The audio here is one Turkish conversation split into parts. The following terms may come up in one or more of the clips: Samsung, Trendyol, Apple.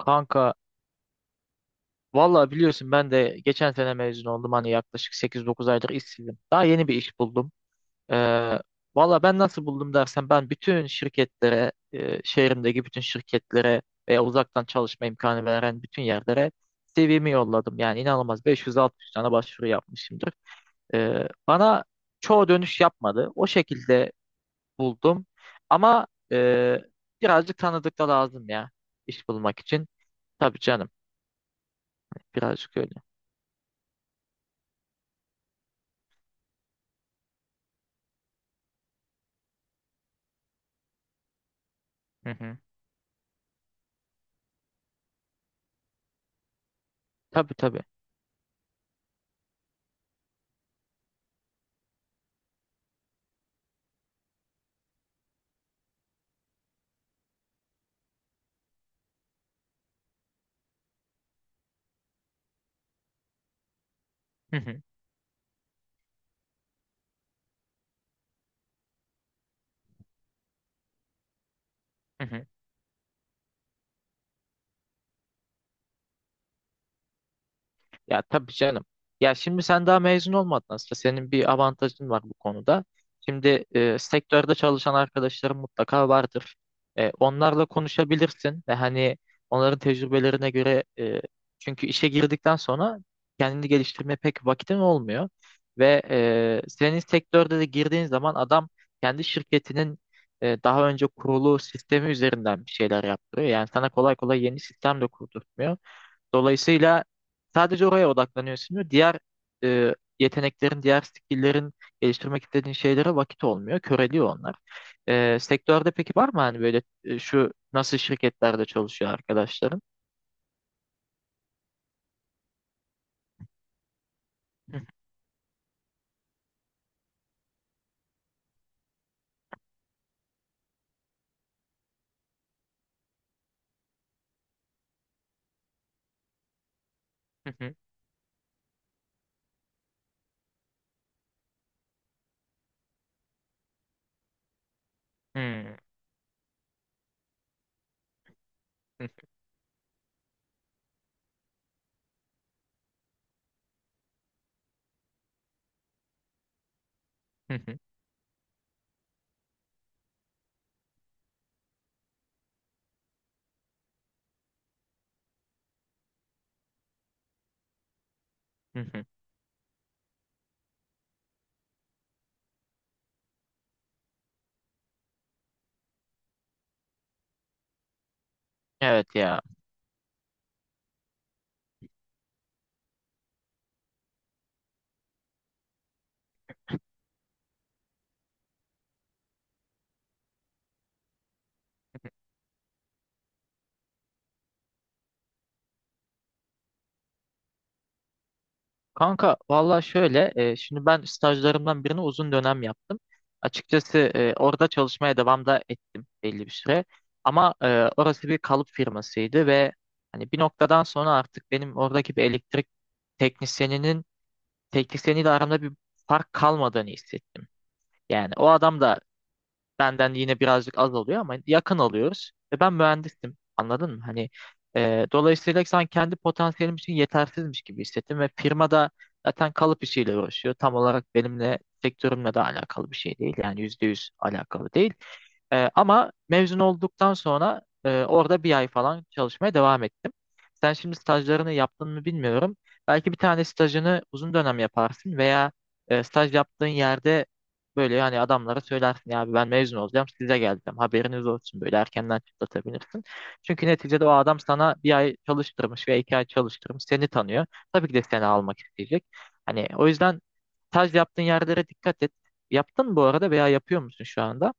Kanka vallahi biliyorsun ben de geçen sene mezun oldum hani yaklaşık 8-9 aydır işsizim. Daha yeni bir iş buldum. Ee, Valla ben nasıl buldum dersen ben bütün şirketlere, şehrimdeki bütün şirketlere veya uzaktan çalışma imkanı veren bütün yerlere CV'mi yolladım. Yani inanılmaz 500-600 tane başvuru yapmışımdır. Bana çoğu dönüş yapmadı. O şekilde buldum. Ama e, birazcık tanıdık da lazım ya iş bulmak için. Tabii canım, birazcık öyle. Tabii, tabii. Hı hı, hı hı. Ya tabii canım. Ya şimdi sen daha mezun olmadın aslında. Senin bir avantajın var bu konuda. Şimdi sektörde çalışan arkadaşların mutlaka vardır. Onlarla konuşabilirsin ve hani onların tecrübelerine göre çünkü işe girdikten sonra kendini geliştirmeye pek vakitin olmuyor. Ve senin sektörde de girdiğin zaman adam kendi şirketinin daha önce kurulu sistemi üzerinden bir şeyler yaptırıyor. Yani sana kolay kolay yeni sistem de kurdurtmuyor. Dolayısıyla sadece oraya odaklanıyorsun, diğer yeteneklerin, diğer skill'lerin geliştirmek istediğin şeylere vakit olmuyor. Köreliyor onlar. Sektörde peki var mı hani böyle şu nasıl şirketlerde çalışıyor arkadaşların? Hmm. Evet ya. Kanka valla şöyle, şimdi ben stajlarımdan birini uzun dönem yaptım. Açıkçası, orada çalışmaya devam da ettim belli bir süre. Ama orası bir kalıp firmasıydı ve hani bir noktadan sonra artık benim oradaki bir elektrik teknisyeninin teknisyeniyle aramda bir fark kalmadığını hissettim. Yani o adam da benden yine birazcık az alıyor ama yakın alıyoruz. Ve ben mühendisim. Anladın mı? Hani, dolayısıyla sanki kendi potansiyelim için yetersizmiş gibi hissettim ve firma da zaten kalıp işiyle uğraşıyor. Tam olarak benimle sektörümle de alakalı bir şey değil. Yani %100 alakalı değil. Ama mezun olduktan sonra orada bir ay falan çalışmaya devam ettim. Sen şimdi stajlarını yaptın mı bilmiyorum. Belki bir tane stajını uzun dönem yaparsın veya staj yaptığın yerde böyle hani adamlara söylersin ya abi ben mezun olacağım size geleceğim haberiniz olsun, böyle erkenden çıtlatabilirsin. Çünkü neticede o adam sana bir ay çalıştırmış veya 2 ay çalıştırmış, seni tanıyor. Tabii ki de seni almak isteyecek. Hani o yüzden staj yaptığın yerlere dikkat et. Yaptın mı bu arada veya yapıyor musun şu anda?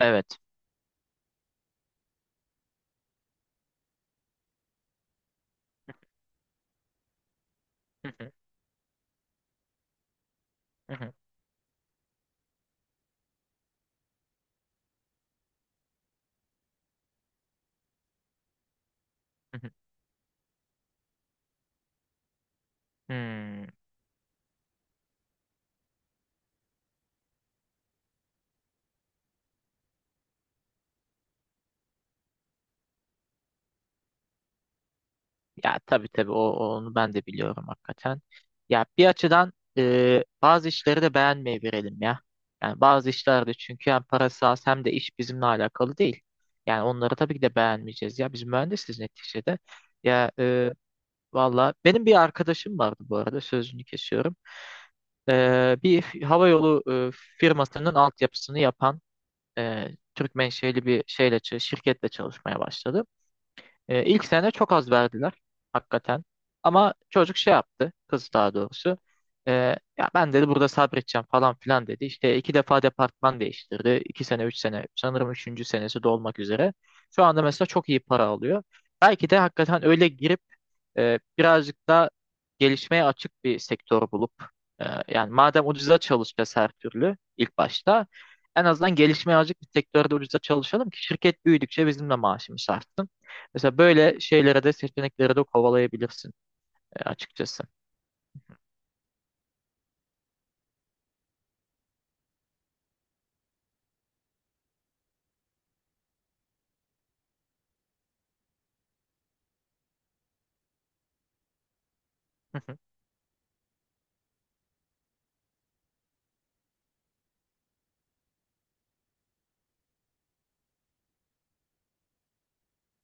Evet. Hı hı, hı hı, hı hı. Hmm. Ya tabii tabii onu ben de biliyorum hakikaten. Ya bir açıdan, bazı işleri de beğenmeyebilirim ya. Yani bazı işlerde çünkü hem parası az hem de iş bizimle alakalı değil. Yani onları tabii ki de beğenmeyeceğiz ya. Biz mühendisiz neticede. Ya, valla benim bir arkadaşım vardı, bu arada sözünü kesiyorum. Bir havayolu e, firmasının altyapısını yapan e, Türk menşeli bir şirketle çalışmaya başladı. İlk sene çok az verdiler hakikaten. Ama çocuk şey yaptı, kız daha doğrusu. E, Ya ben dedi burada sabredeceğim falan filan dedi. İşte 2 defa departman değiştirdi. 2 sene, 3 sene, sanırım üçüncü senesi dolmak üzere. Şu anda mesela çok iyi para alıyor. Belki de hakikaten öyle girip birazcık da gelişmeye açık bir sektör bulup yani madem ucuza çalışacağız her türlü ilk başta en azından gelişmeye açık bir sektörde ucuza çalışalım ki şirket büyüdükçe bizim de maaşımız artsın. Mesela böyle şeylere de, seçeneklere de kovalayabilirsin, açıkçası. Hı hı,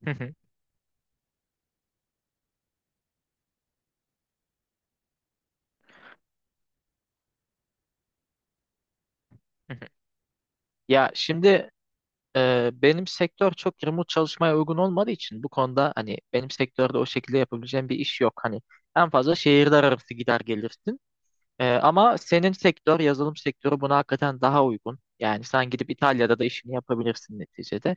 hı hı, hı hı. Ya şimdi, benim sektör çok remote çalışmaya uygun olmadığı için bu konuda hani benim sektörde o şekilde yapabileceğim bir iş yok. Hani en fazla şehirler arası gider gelirsin. Ama senin sektör, yazılım sektörü buna hakikaten daha uygun. Yani sen gidip İtalya'da da işini yapabilirsin neticede.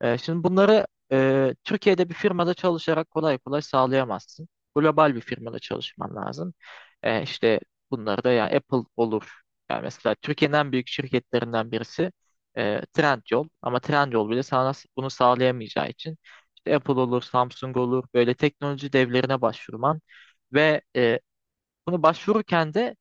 Şimdi bunları, Türkiye'de bir firmada çalışarak kolay kolay sağlayamazsın. Global bir firmada çalışman lazım. İşte bunları da yani Apple olur. Yani mesela Türkiye'nin en büyük şirketlerinden birisi, Trendyol. Ama Trendyol bile sana bunu sağlayamayacağı için işte Apple olur, Samsung olur. Böyle teknoloji devlerine başvurman ve bunu başvururken de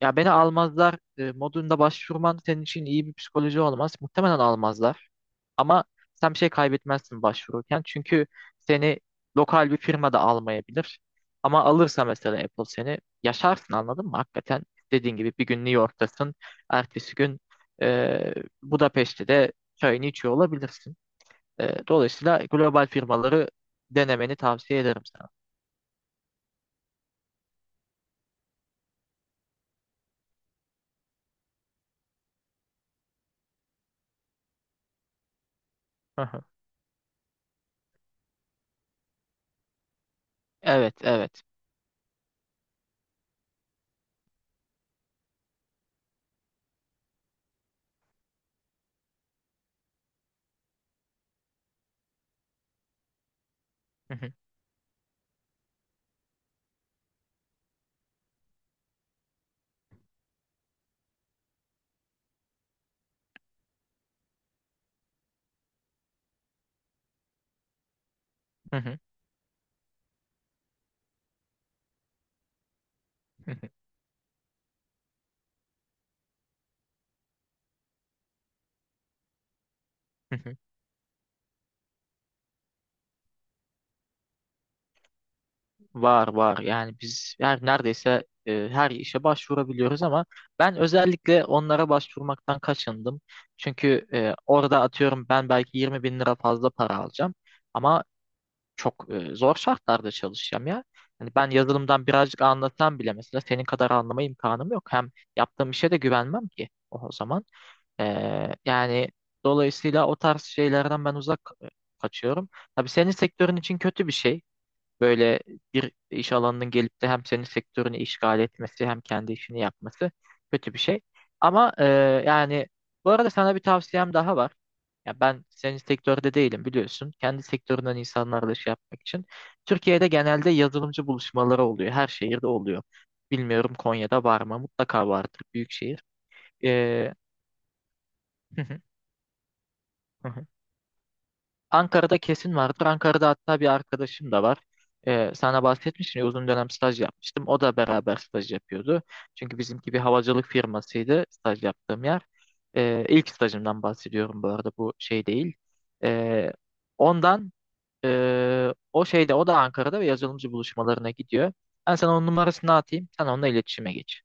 ya beni almazlar, modunda başvurman senin için iyi bir psikoloji olmaz. Muhtemelen almazlar. Ama sen bir şey kaybetmezsin başvururken. Çünkü seni lokal bir firma da almayabilir. Ama alırsa mesela Apple, seni yaşarsın anladın mı? Hakikaten dediğin gibi bir gün New York'tasın. Ertesi gün, e, Budapeşte'de çayını içiyor olabilirsin. Dolayısıyla global firmaları denemeni tavsiye ederim sana. Hı hı. Evet, evet. Hı hı, hı hı, hı hı, hı hı. Var var, yani biz her neredeyse her işe başvurabiliyoruz ama ben özellikle onlara başvurmaktan kaçındım. Çünkü orada atıyorum ben belki 20 bin lira fazla para alacağım ama çok zor şartlarda çalışacağım ya. Hani ben yazılımdan birazcık anlasam bile mesela senin kadar anlama imkanım yok. Hem yaptığım işe de güvenmem ki o zaman. Yani dolayısıyla o tarz şeylerden ben uzak, kaçıyorum. Tabii senin sektörün için kötü bir şey. Böyle bir iş alanının gelip de hem senin sektörünü işgal etmesi hem kendi işini yapması kötü bir şey. Ama yani bu arada sana bir tavsiyem daha var. Ya ben senin sektörde değilim biliyorsun. Kendi sektöründen insanlarla şey yapmak için. Türkiye'de genelde yazılımcı buluşmaları oluyor. Her şehirde oluyor. Bilmiyorum Konya'da var mı? Mutlaka vardır. Büyük şehir. E, Ankara'da kesin vardır. Ankara'da hatta bir arkadaşım da var. Sana bahsetmiştim ya uzun dönem staj yapmıştım. O da beraber staj yapıyordu. Çünkü bizimki bir havacılık firmasıydı, staj yaptığım yer. İlk stajımdan bahsediyorum bu arada, bu şey değil. Ee, Ondan o şeyde o da Ankara'da ve yazılımcı buluşmalarına gidiyor. Ben sana onun numarasını atayım. Sen onunla iletişime geç.